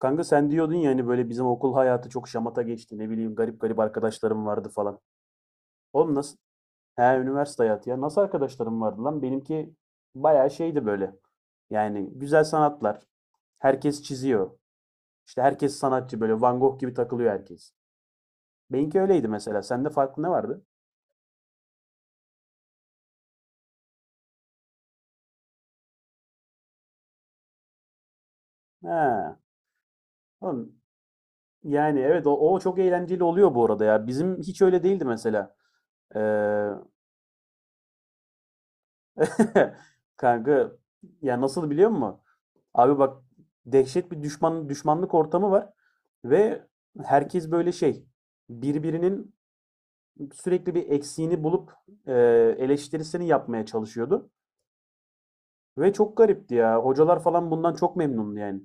Kanka sen diyordun ya hani böyle bizim okul hayatı çok şamata geçti. Ne bileyim garip garip arkadaşlarım vardı falan. Oğlum nasıl? He, üniversite hayatı ya. Nasıl arkadaşlarım vardı lan? Benimki bayağı şeydi böyle. Yani güzel sanatlar. Herkes çiziyor. İşte herkes sanatçı, böyle Van Gogh gibi takılıyor herkes. Benimki öyleydi mesela. Sende farklı ne vardı? He. Oğlum, yani evet, o çok eğlenceli oluyor bu arada ya. Bizim hiç öyle değildi mesela. Ee, kanka, ya nasıl biliyor musun? Abi bak, dehşet bir düşmanlık ortamı var ve herkes böyle şey, birbirinin sürekli bir eksiğini bulup e, eleştirisini yapmaya çalışıyordu. Ve çok garipti ya. Hocalar falan bundan çok memnundu yani.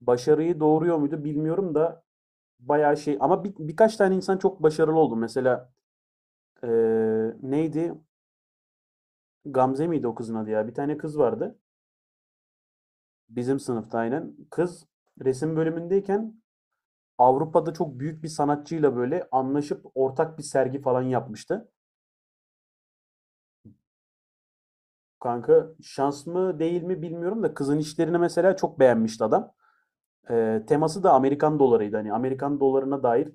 Başarıyı doğuruyor muydu bilmiyorum da bayağı şey, ama birkaç tane insan çok başarılı oldu. Mesela e, neydi? Gamze miydi o kızın adı ya? Bir tane kız vardı. Bizim sınıfta aynen. Kız resim bölümündeyken Avrupa'da çok büyük bir sanatçıyla böyle anlaşıp ortak bir sergi falan yapmıştı. Kanka şans mı değil mi bilmiyorum da kızın işlerini mesela çok beğenmişti adam. Teması da Amerikan dolarıydı. Hani Amerikan dolarına dair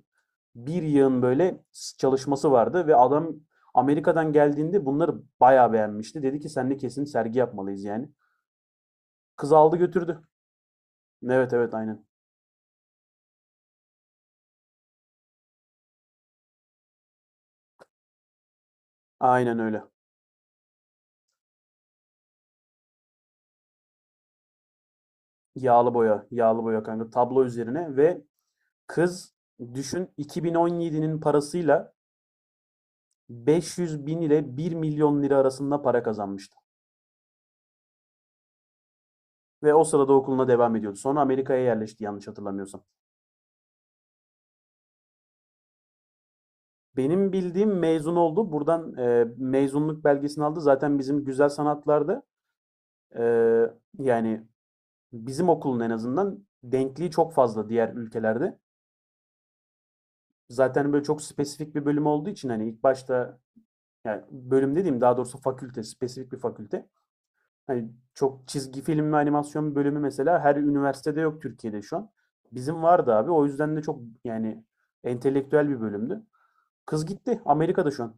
bir yığın böyle çalışması vardı ve adam Amerika'dan geldiğinde bunları bayağı beğenmişti. Dedi ki seninle kesin sergi yapmalıyız yani. Kız aldı götürdü. Evet, evet, aynen. Aynen öyle. Yağlı boya, yağlı boya kanka, tablo üzerine. Ve kız, düşün, 2017'nin parasıyla 500 bin ile 1 milyon lira arasında para kazanmıştı. Ve o sırada okuluna devam ediyordu. Sonra Amerika'ya yerleşti yanlış hatırlamıyorsam. Benim bildiğim mezun oldu. Buradan mezunluk belgesini aldı. Zaten bizim güzel sanatlarda, e, yani bizim okulun en azından denkliği çok fazla diğer ülkelerde. Zaten böyle çok spesifik bir bölüm olduğu için, hani ilk başta, yani bölüm dediğim daha doğrusu fakülte, spesifik bir fakülte. Hani çok, çizgi film ve animasyon bölümü mesela her üniversitede yok Türkiye'de şu an. Bizim vardı abi. O yüzden de çok, yani entelektüel bir bölümdü. Kız gitti. Amerika'da şu an.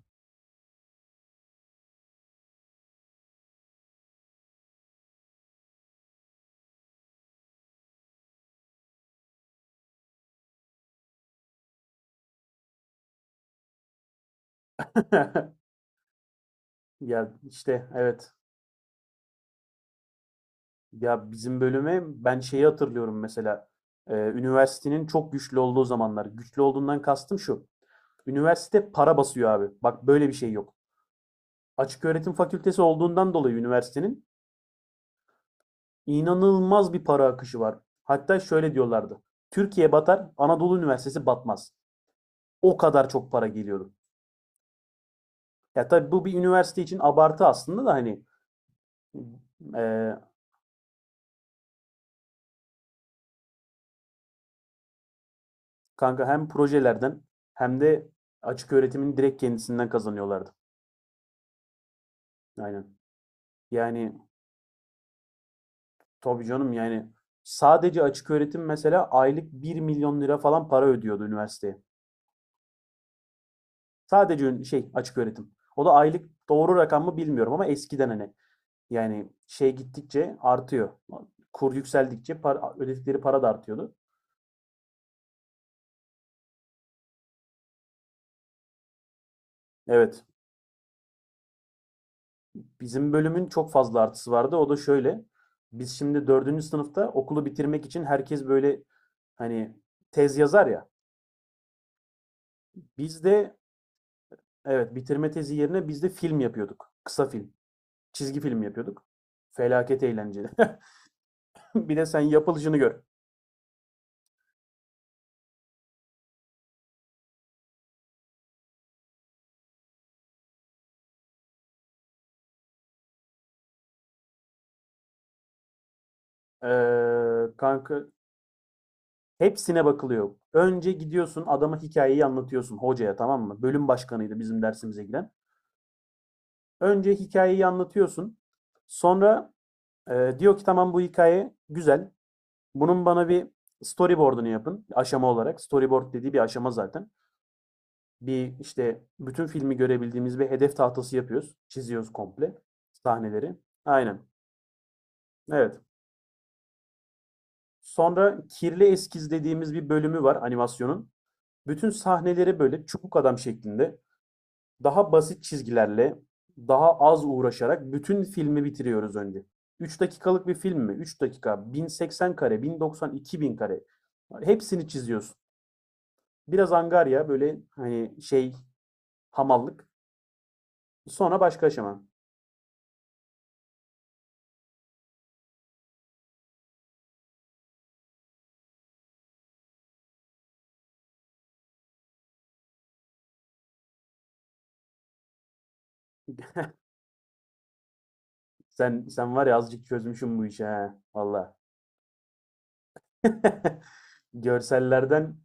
Ya işte evet. Ya bizim bölüme ben şeyi hatırlıyorum mesela. Üniversitenin çok güçlü olduğu zamanlar. Güçlü olduğundan kastım şu. Üniversite para basıyor abi. Bak böyle bir şey yok. Açık öğretim fakültesi olduğundan dolayı üniversitenin İnanılmaz bir para akışı var. Hatta şöyle diyorlardı. Türkiye batar, Anadolu Üniversitesi batmaz. O kadar çok para geliyordu. Ya tabii bu bir üniversite için abartı aslında da hani. e, kanka hem projelerden, hem de açık öğretimin direkt kendisinden kazanıyorlardı. Aynen. Yani tabii canım, yani sadece açık öğretim mesela aylık 1 milyon lira falan para ödüyordu üniversiteye. Sadece şey, açık öğretim. O da aylık doğru rakam mı bilmiyorum ama eskiden hani, yani şey, gittikçe artıyor. Kur yükseldikçe para, ödedikleri para da artıyordu. Evet. Bizim bölümün çok fazla artısı vardı. O da şöyle. Biz şimdi 4. sınıfta okulu bitirmek için herkes böyle, hani tez yazar ya. Biz de, evet, bitirme tezi yerine biz de film yapıyorduk. Kısa film. Çizgi film yapıyorduk. Felaket eğlenceli. Bir de sen yapılışını gör. Kanka, hepsine bakılıyor. Önce gidiyorsun adama hikayeyi anlatıyorsun, hocaya, tamam mı? Bölüm başkanıydı bizim dersimize giren. Önce hikayeyi anlatıyorsun. Sonra diyor ki tamam bu hikaye güzel. Bunun bana bir storyboard'unu yapın aşama olarak. Storyboard dediği bir aşama zaten. Bir, işte bütün filmi görebildiğimiz bir hedef tahtası yapıyoruz. Çiziyoruz komple sahneleri. Aynen. Evet. Sonra kirli eskiz dediğimiz bir bölümü var animasyonun. Bütün sahneleri böyle çubuk adam şeklinde, daha basit çizgilerle, daha az uğraşarak bütün filmi bitiriyoruz önce. 3 dakikalık bir film mi? 3 dakika, 1080 kare, 1090, 2000 kare. Hepsini çiziyorsun. Biraz angarya, böyle hani şey, hamallık. Sonra başka aşama. Sen var ya, azıcık çözmüşüm bu işi ha. Valla. Görsellerden,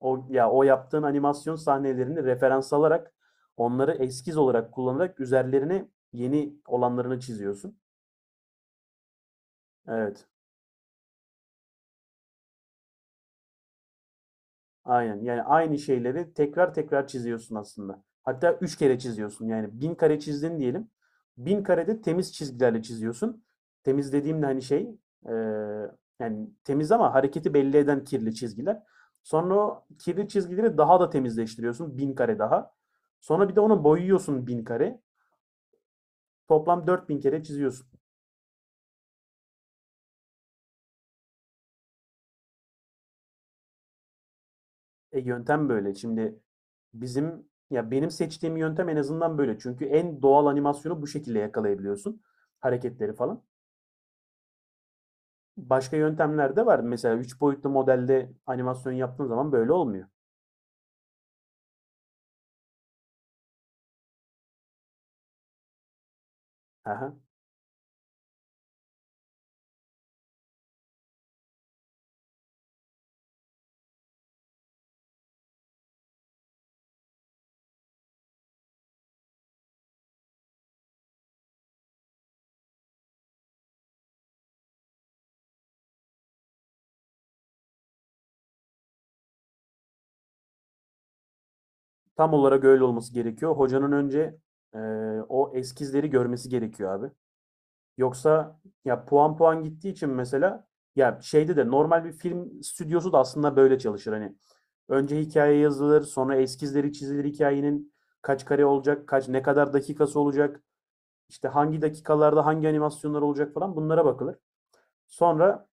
o yaptığın animasyon sahnelerini referans alarak, onları eskiz olarak kullanarak üzerlerine yeni olanlarını çiziyorsun. Evet. Aynen. Yani aynı şeyleri tekrar tekrar çiziyorsun aslında. Hatta 3 kere çiziyorsun. Yani 1.000 kare çizdin diyelim. 1.000 karede temiz çizgilerle çiziyorsun. Temiz dediğimde hani şey, eee, yani temiz ama hareketi belli eden kirli çizgiler. Sonra o kirli çizgileri daha da temizleştiriyorsun. 1.000 kare daha. Sonra bir de onu boyuyorsun 1.000 kare. Toplam 4.000 kere çiziyorsun. E, yöntem böyle. Şimdi bizim ya benim seçtiğim yöntem en azından böyle. Çünkü en doğal animasyonu bu şekilde yakalayabiliyorsun. Hareketleri falan. Başka yöntemler de var. Mesela 3 boyutlu modelde animasyon yaptığın zaman böyle olmuyor. Aha. Tam olarak öyle olması gerekiyor. Hocanın önce e, o eskizleri görmesi gerekiyor abi. Yoksa ya puan puan gittiği için mesela, ya şeyde de normal bir film stüdyosu da aslında böyle çalışır. Hani önce hikaye yazılır, sonra eskizleri çizilir hikayenin, kaç kare olacak, kaç, ne kadar dakikası olacak, işte hangi dakikalarda hangi animasyonlar olacak falan bunlara bakılır. Sonra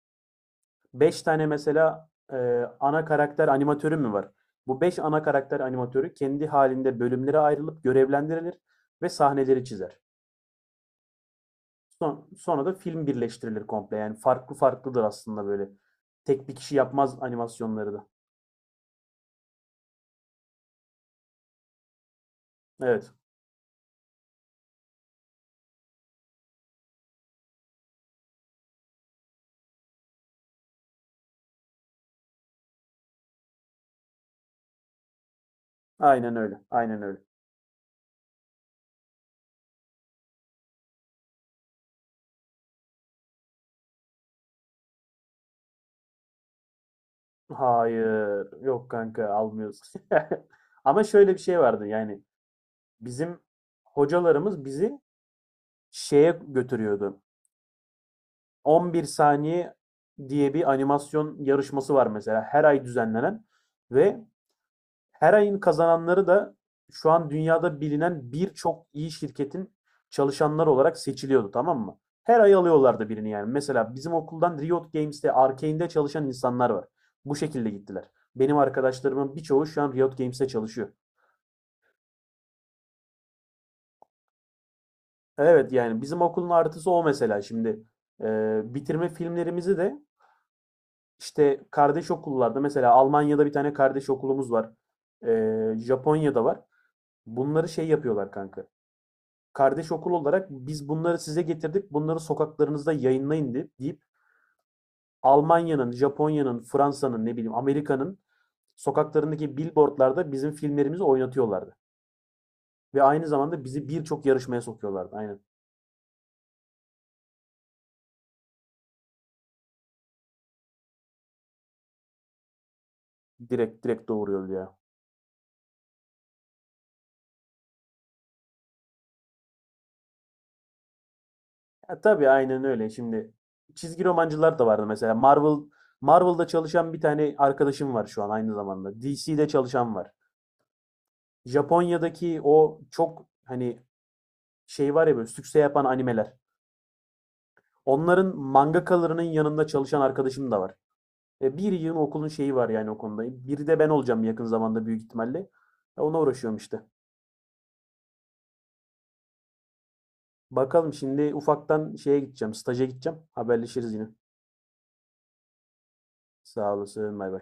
5 tane mesela ana karakter animatörü mü var? Bu 5 ana karakter animatörü kendi halinde bölümlere ayrılıp görevlendirilir ve sahneleri çizer. Sonra da film birleştirilir komple. Yani farklı farklıdır aslında böyle. Tek bir kişi yapmaz animasyonları da. Evet. Aynen öyle. Aynen öyle. Hayır. Yok kanka, almıyoruz. Ama şöyle bir şey vardı, yani bizim hocalarımız bizi şeye götürüyordu. 11 saniye diye bir animasyon yarışması var mesela, her ay düzenlenen, ve her ayın kazananları da şu an dünyada bilinen birçok iyi şirketin çalışanları olarak seçiliyordu, tamam mı? Her ay alıyorlardı birini yani. Mesela bizim okuldan Riot Games'te, Arkane'de çalışan insanlar var. Bu şekilde gittiler. Benim arkadaşlarımın birçoğu şu an Riot Games'te çalışıyor. Evet, yani bizim okulun artısı o mesela şimdi. Bitirme filmlerimizi de işte kardeş okullarda, mesela Almanya'da bir tane kardeş okulumuz var. Japonya'da var. Bunları şey yapıyorlar kanka. Kardeş okul olarak biz bunları size getirdik. Bunları sokaklarınızda yayınlayın deyip Almanya'nın, Japonya'nın, Fransa'nın, ne bileyim Amerika'nın sokaklarındaki billboardlarda bizim filmlerimizi oynatıyorlardı. Ve aynı zamanda bizi birçok yarışmaya sokuyorlardı. Aynen. Direkt direkt doğuruyordu ya. Ya tabii aynen öyle. Şimdi çizgi romancılar da vardı mesela. Marvel'da çalışan bir tane arkadaşım var şu an aynı zamanda. DC'de çalışan var. Japonya'daki o çok, hani şey var ya, böyle sükse yapan animeler. Onların mangakalarının yanında çalışan arkadaşım da var. E, bir yığın okulun şeyi var yani o konuda. Biri de ben olacağım yakın zamanda büyük ihtimalle. E, ona uğraşıyorum işte. Bakalım, şimdi ufaktan şeye gideceğim, staja gideceğim. Haberleşiriz yine. Sağ olasın, bay bay.